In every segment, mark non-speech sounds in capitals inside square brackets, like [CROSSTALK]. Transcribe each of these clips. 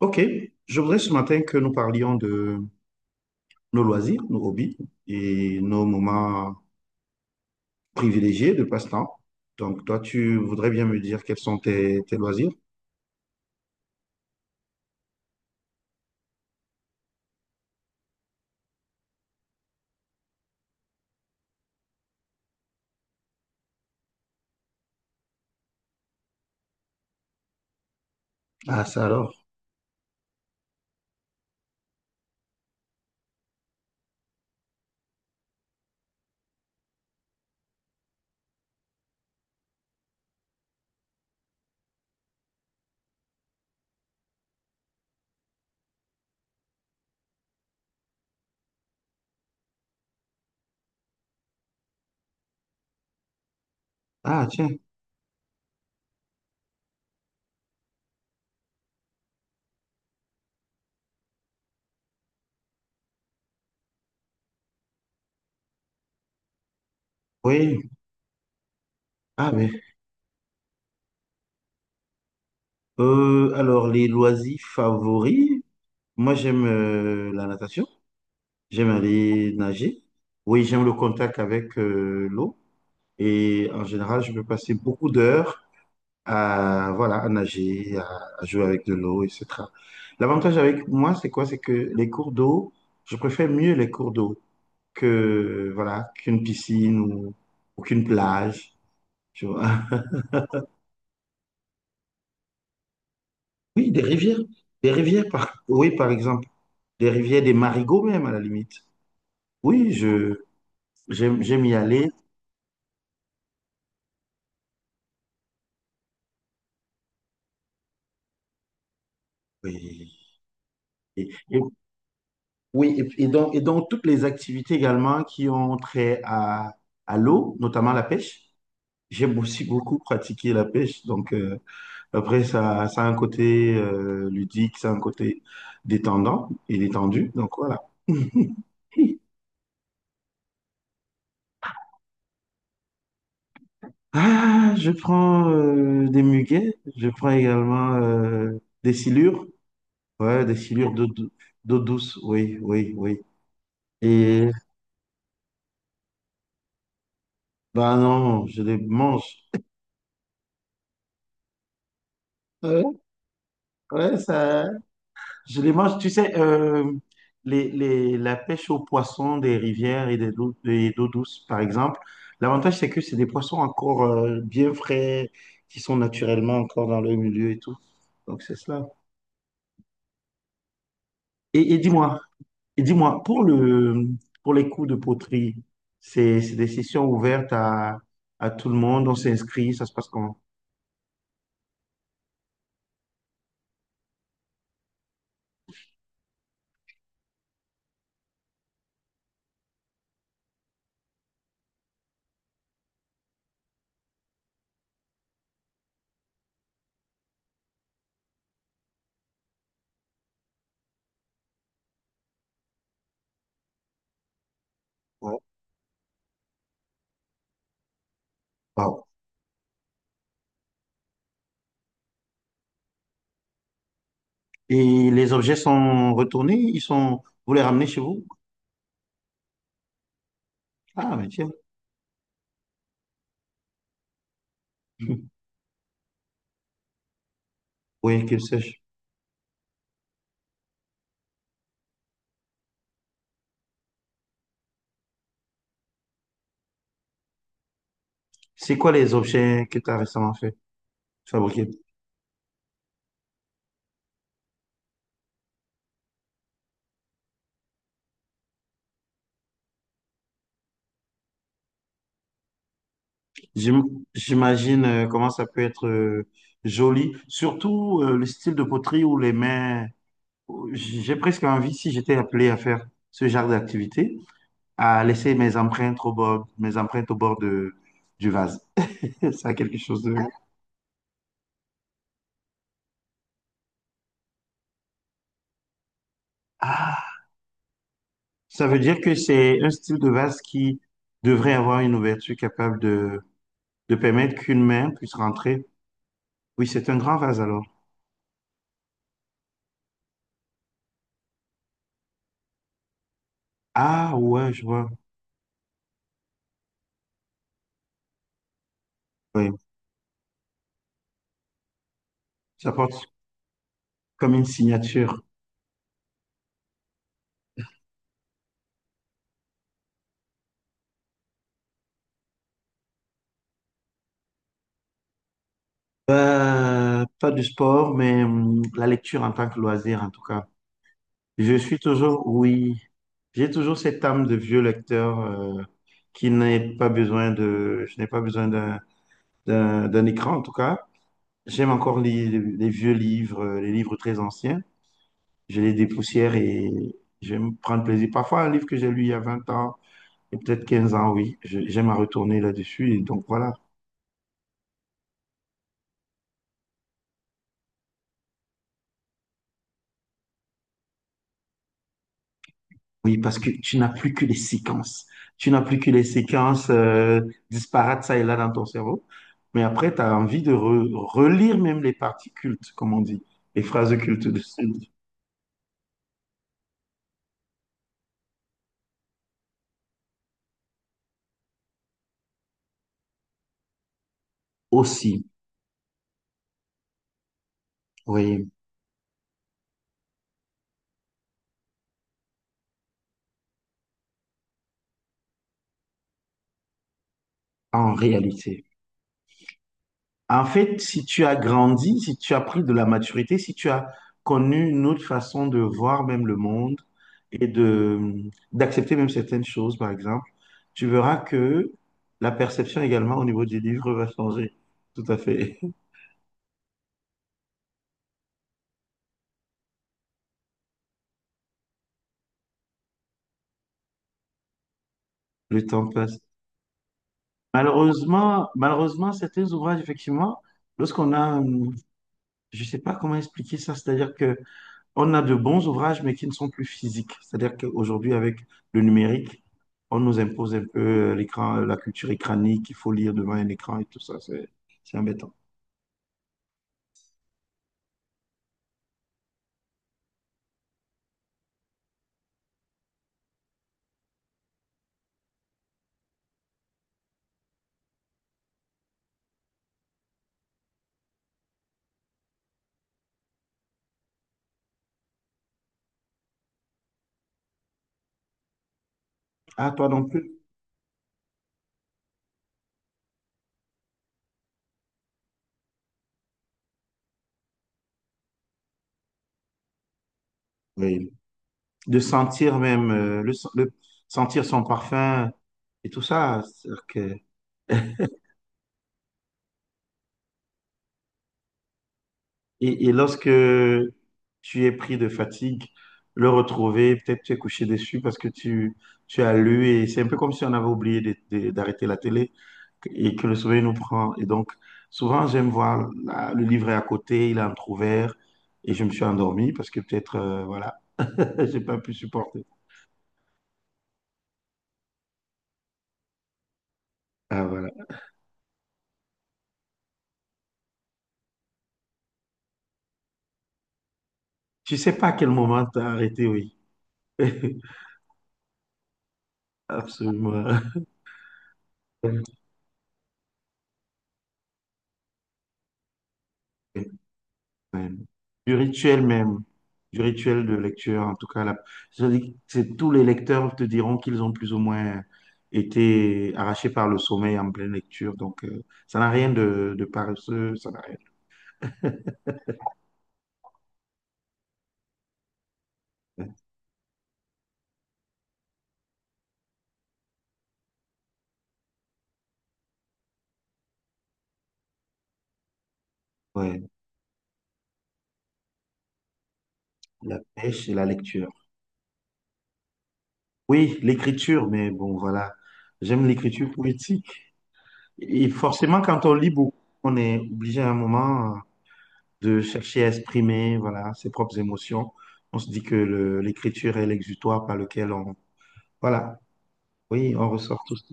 Ok, je voudrais ce matin que nous parlions de nos loisirs, nos hobbies et nos moments privilégiés de passe-temps. Donc, toi, tu voudrais bien me dire quels sont tes loisirs? Ah, ça alors. Ah, tiens. Oui. Ah, mais. Alors, les loisirs favoris, moi, j'aime la natation. J'aime aller nager. Oui, j'aime le contact avec l'eau. Et en général, je peux passer beaucoup d'heures à, voilà, à nager, à jouer avec de l'eau, etc. L'avantage avec moi, c'est quoi? C'est que les cours d'eau, je préfère mieux les cours d'eau que, voilà, qu'une piscine ou qu'une plage, tu vois. [LAUGHS] Oui, des rivières. Des rivières, oui, par exemple. Des rivières, des marigots même, à la limite. Oui, j'aime y aller. Oui, et, et- et donc toutes les activités également qui ont trait à l'eau, notamment la pêche. J'ai aussi beaucoup pratiqué la pêche, donc après ça, ça a un côté ludique, ça a un côté détendant et détendu, donc voilà. Ah, je prends des muguets, je prends également des silures, ouais, des silures d'eau douce, oui, oui, oui. Et bah non, je les mange. Ouais, ouais, ça. Je les mange, tu sais, la pêche aux poissons des rivières et des eaux, douces, par exemple, l'avantage, c'est que c'est des poissons encore bien frais, qui sont naturellement encore dans le milieu et tout. Donc, c'est cela. Et dis-moi, et dis-moi, pour le, pour les cours de poterie, c'est des sessions ouvertes à tout le monde, on s'inscrit, ça se passe comment? Ouais. Wow. Et les objets sont retournés, vous les ramenez chez vous? Ah, mais tiens, [LAUGHS] oui, qu'ils sèchent. C'est quoi les objets que tu as récemment fabriqués? J'im- J'imagine comment ça peut être joli, surtout le style de poterie ou les mains. J'ai presque envie, si j'étais appelé à faire ce genre d'activité, à laisser mes empreintes au bord du vase. [LAUGHS] Ça a quelque chose de. Ah, ça veut dire que c'est un style de vase qui devrait avoir une ouverture capable de permettre qu'une main puisse rentrer. Oui, c'est un grand vase alors. Ah ouais, je vois. Ouais. Ça porte comme une signature. Pas du sport, mais la lecture en tant que loisir, en tout cas. Oui, j'ai toujours cette âme de vieux lecteur qui n'est pas besoin de, je n'ai pas besoin d'un écran, en tout cas. J'aime encore les vieux livres, les livres très anciens. Je les dépoussière et j'aime prendre plaisir. Parfois, un livre que j'ai lu il y a 20 ans et peut-être 15 ans, oui, j'aime à retourner là-dessus. Et donc, voilà. Oui, parce que tu n'as plus que les séquences. Tu n'as plus que les séquences disparates, ça et là, dans ton cerveau. Mais après, tu as envie de relire même les parties cultes, comme on dit, les phrases cultes de ce livre. Aussi, oui, en réalité. En fait, si tu as grandi, si tu as pris de la maturité, si tu as connu une autre façon de voir même le monde et de d'accepter même certaines choses, par exemple, tu verras que la perception également au niveau des livres va changer. Tout à fait. Le temps passe. Malheureusement, certains ouvrages, effectivement, lorsqu'on a, je ne sais pas comment expliquer ça, c'est-à-dire que on a de bons ouvrages, mais qui ne sont plus physiques. C'est-à-dire qu'aujourd'hui, avec le numérique, on nous impose un peu l'écran, la culture écranique, il faut lire devant un écran et tout ça, c'est embêtant. Ah, toi non plus? Oui. De sentir même, sentir son parfum et tout ça, c'est-à-dire que. Et lorsque tu es pris de fatigue, le retrouver, peut-être tu es couché dessus parce que tu as lu et c'est un peu comme si on avait oublié d'arrêter la télé et que le sommeil nous prend. Et donc, souvent, j'aime voir le livre est à côté, il est entrouvert et je me suis endormi parce que peut-être, voilà, [LAUGHS] j'ai pas pu supporter. Ah, voilà. Tu sais pas à quel moment t'as arrêté, oui. [LAUGHS] Absolument. Ouais. Du rituel même, du rituel de lecture, en tout cas. C'est-à-dire que tous les lecteurs te diront qu'ils ont plus ou moins été arrachés par le sommeil en pleine lecture. Donc, ça n'a rien de paresseux, ça n'a rien. de- Ouais, la pêche et la lecture. Oui, l'écriture, mais bon, voilà. J'aime l'écriture poétique. Et forcément, quand on lit beaucoup, on est obligé à un moment de chercher à exprimer, voilà, ses propres émotions. On se dit que l'écriture est l'exutoire par lequel on, voilà. Oui, on ressort tous.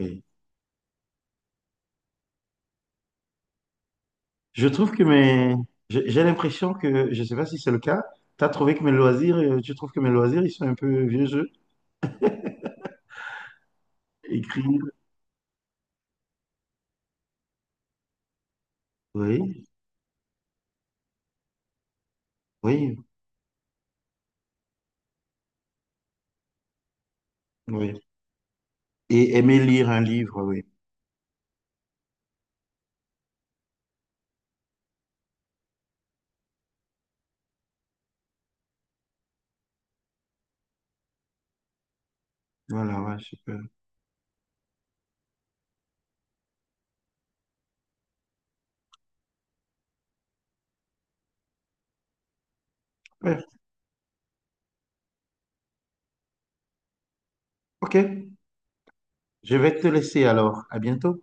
Oui. Je trouve que mes. J'ai l'impression que, je ne sais pas si c'est le cas, tu trouves que mes loisirs, ils sont un peu vieux jeu. Écrire, oui, oui, oui. Et aimer lire un livre, oui. Voilà, ouais, super. Ouais, ok. Je vais te laisser alors. À bientôt.